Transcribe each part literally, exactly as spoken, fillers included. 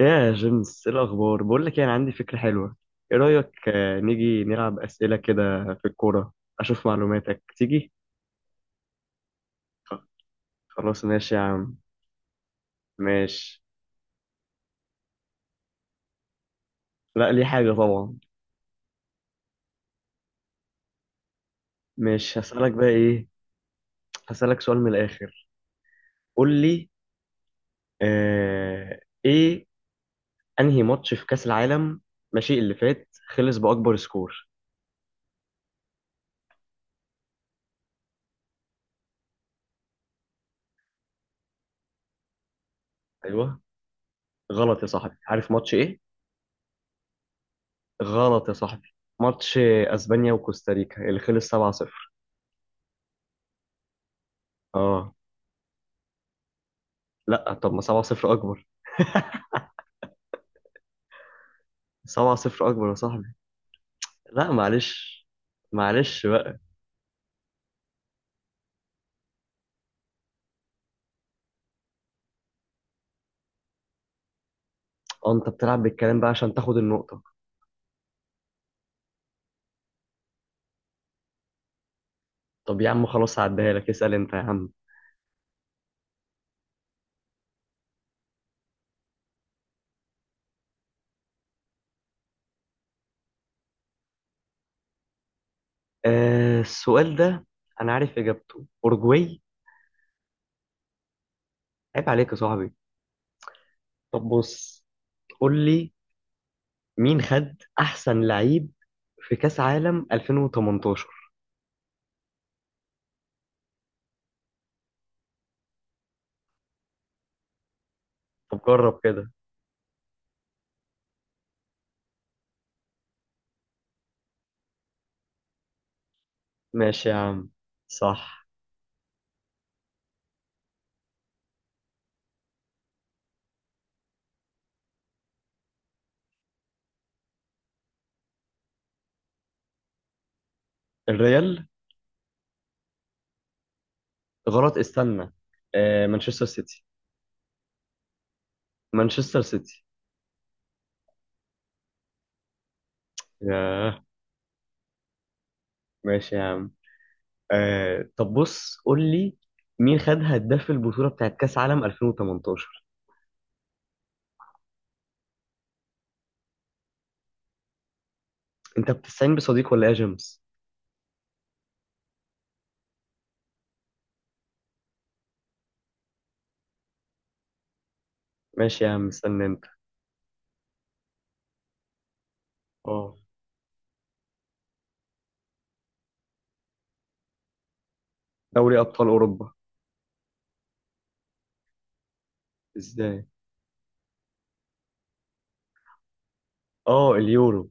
يا جيمس ايه الاخبار؟ بقول لك يعني عندي فكره حلوه. ايه رايك آه، نيجي نلعب اسئله كده في الكوره. اشوف معلوماتك تيجي. خ- خلاص ماشي يا عم. ماشي. لا ليه حاجه طبعا. ماشي، هسالك بقى ايه. هسالك سؤال من الاخر، قول لي. آه ايه؟ انهي ماتش في كاس العالم ماشي اللي فات خلص باكبر سكور؟ ايوه. غلط يا صاحبي، عارف ماتش ايه؟ غلط يا صاحبي. ماتش اسبانيا وكوستاريكا اللي خلص سبعة صفر. اه، لا طب ما سبعة صفر اكبر. سبعة صفر اكبر يا صاحبي. لا معلش، معلش بقى. اه، انت بتلعب بالكلام بقى عشان تاخد النقطة. طب يا عم خلاص هعديها لك، اسأل انت يا عم. آه السؤال ده انا عارف اجابته، اورجواي. عيب عليك يا صاحبي. طب بص قول لي، مين خد احسن لعيب في كاس عالم ألفين وتمنتاشر؟ طب جرب كده. ماشي يا عم. صح. الريال. غلط، استنى. آه مانشستر سيتي. مانشستر سيتي. ياه. ماشي يا عم. آه طب بص قول لي، مين خد هداف البطولة بتاعت كأس عالم ألفين وتمنتاشر؟ انت بتستعين بصديق ولا ايه يا جيمس؟ ماشي يا عم استنى انت. اه. دوري ابطال اوروبا. ازاي؟ اه اليورو.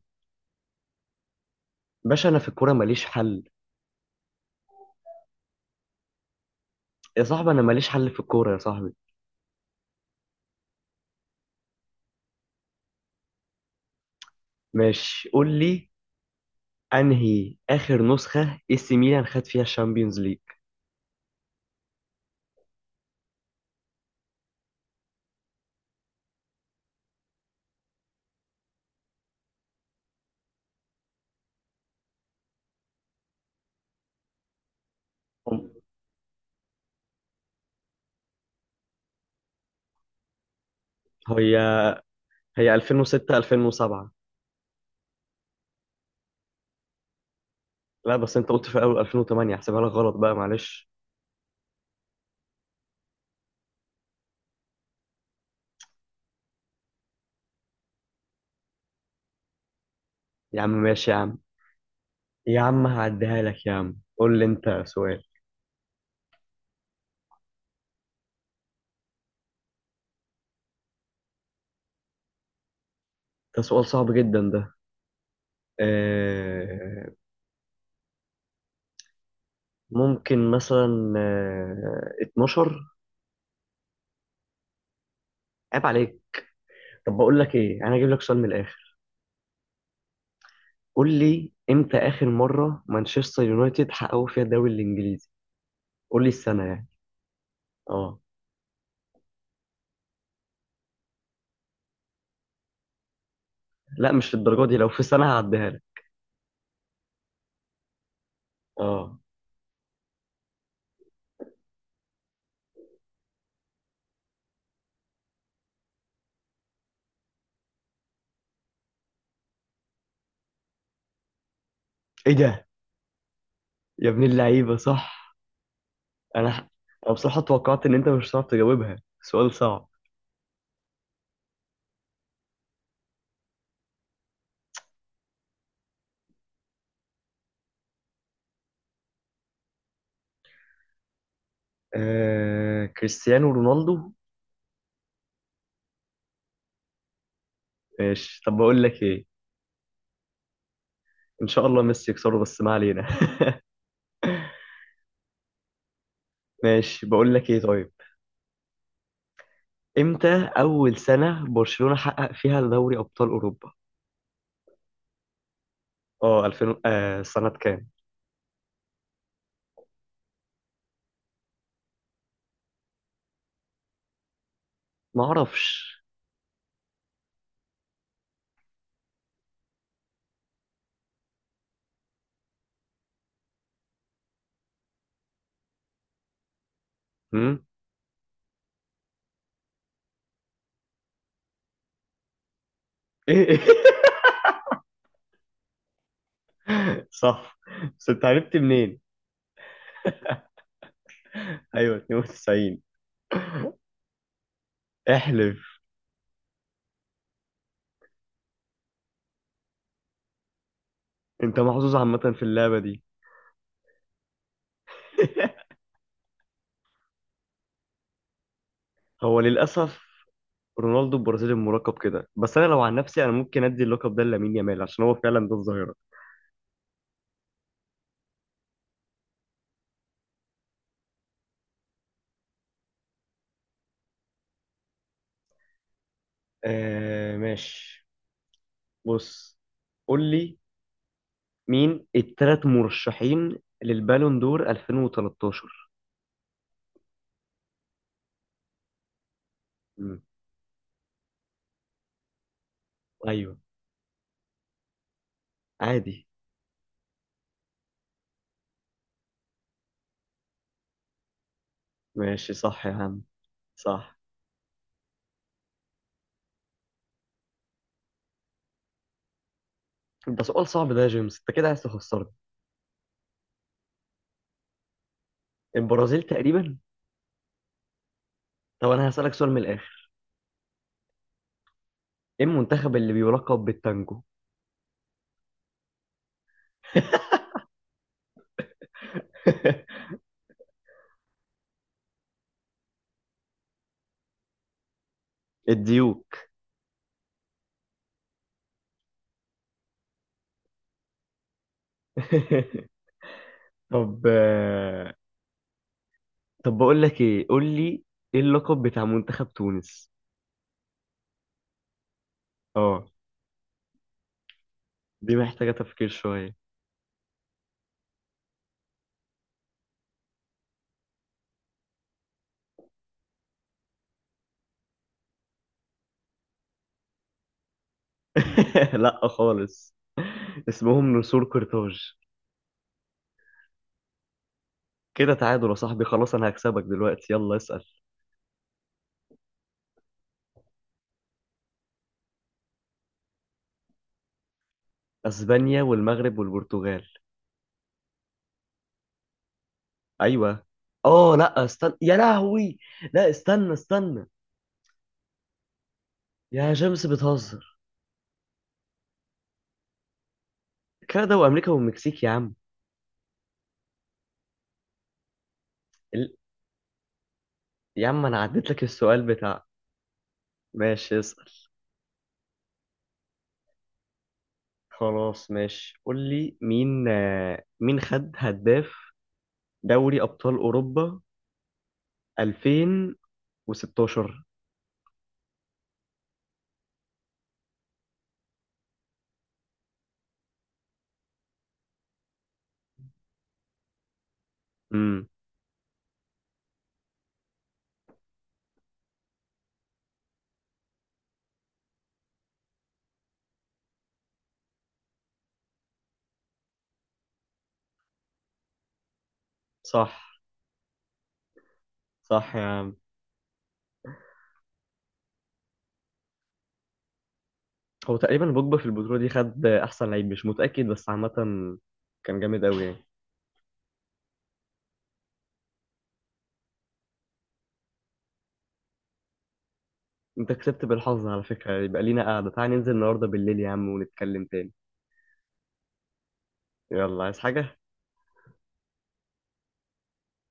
باشا انا في الكورة ماليش حل. يا صاحبي انا ماليش حل في الكورة يا صاحبي. ماشي قول لي، انهي اخر نسخة اي سي ميلان خد فيها الشامبيونز ليج؟ هم- هي هي ألفين وستة ألفين وسبعة. لا بس انت قلت في اول ألفين وتمانية، احسبها لك غلط بقى معلش. يا عم ماشي يا عم، يا عم هعديها لك يا عم، قول لي انت سؤال. ده سؤال صعب جدا ده. آه ممكن مثلا آه اتناشر. عيب عليك. طب بقول لك ايه، انا هجيب لك سؤال من الاخر. قول لي امتى اخر مره مانشستر يونايتد حققوا فيها الدوري الانجليزي، قول لي السنه يعني. اه. لا مش للدرجه دي، لو في سنه هعديها لك. اه. ايه ده؟ يا ابن اللعيبه صح. انا ح- انا بصراحه توقعت ان انت مش هتعرف تجاوبها، سؤال صعب. آه كريستيانو رونالدو. ماشي طب بقول لك ايه. ان شاء الله ميسي يكسره بس ما علينا. ماشي بقول لك ايه طيب. امتى اول سنة برشلونة حقق فيها دوري ابطال اوروبا؟ اه ألفين، آه سنة كام؟ ما اعرفش. امم. ايه إيه؟ صح. بس انت عرفت منين؟ ايوه اتنين وتسعين. احلف. انت محظوظ عامة في اللعبة دي. هو للاسف رونالدو البرازيلي المراقب كده، بس انا لو عن نفسي انا ممكن ادي اللقب ده لامين يامال عشان هو فعلا ده الظاهرة. آه ماشي، بص قول لي، مين التلات مرشحين للبالون دور ألفين وتلتاشر؟ مم. ايوه. عادي. ماشي صح يا عم. صح. ده سؤال صعب ده يا جيمس، انت كده عايز تخسرني. البرازيل تقريبا. طب انا هسألك سؤال من الاخر. ايه المنتخب اللي بيلقب بالتانجو؟ الديوك. طب آه، طب بقول لك ايه، قول لي، ايه اللقب بتاع منتخب تونس؟ اه. دي محتاجة تفكير شوية. لا خالص. اسمهم نسور قرطاج. كده تعادل يا صاحبي، خلاص انا هكسبك دلوقتي يلا اسأل. اسبانيا والمغرب والبرتغال. ايوه. اه لا استنى يا لهوي. لا استنى استنى. يا جيمس بتهزر؟ كندا وامريكا والمكسيك يا عم. ال... يا عم انا عديت لك السؤال بتاع. ماشي اسأل. خلاص ماشي قول لي، مين آه، مين خد هداف دوري ابطال اوروبا ألفين وستاشر؟ امم. صح. صح يا عم. هو تقريبا بوجبا في البطولة دي خد أحسن لعيب مش متأكد بس عامة، كان جامد أوي يعني. أنت كسبت بالحظ على فكرة، يبقى لينا قعدة، تعالى ننزل النهاردة بالليل يا عم ونتكلم تاني. يلا عايز حاجة؟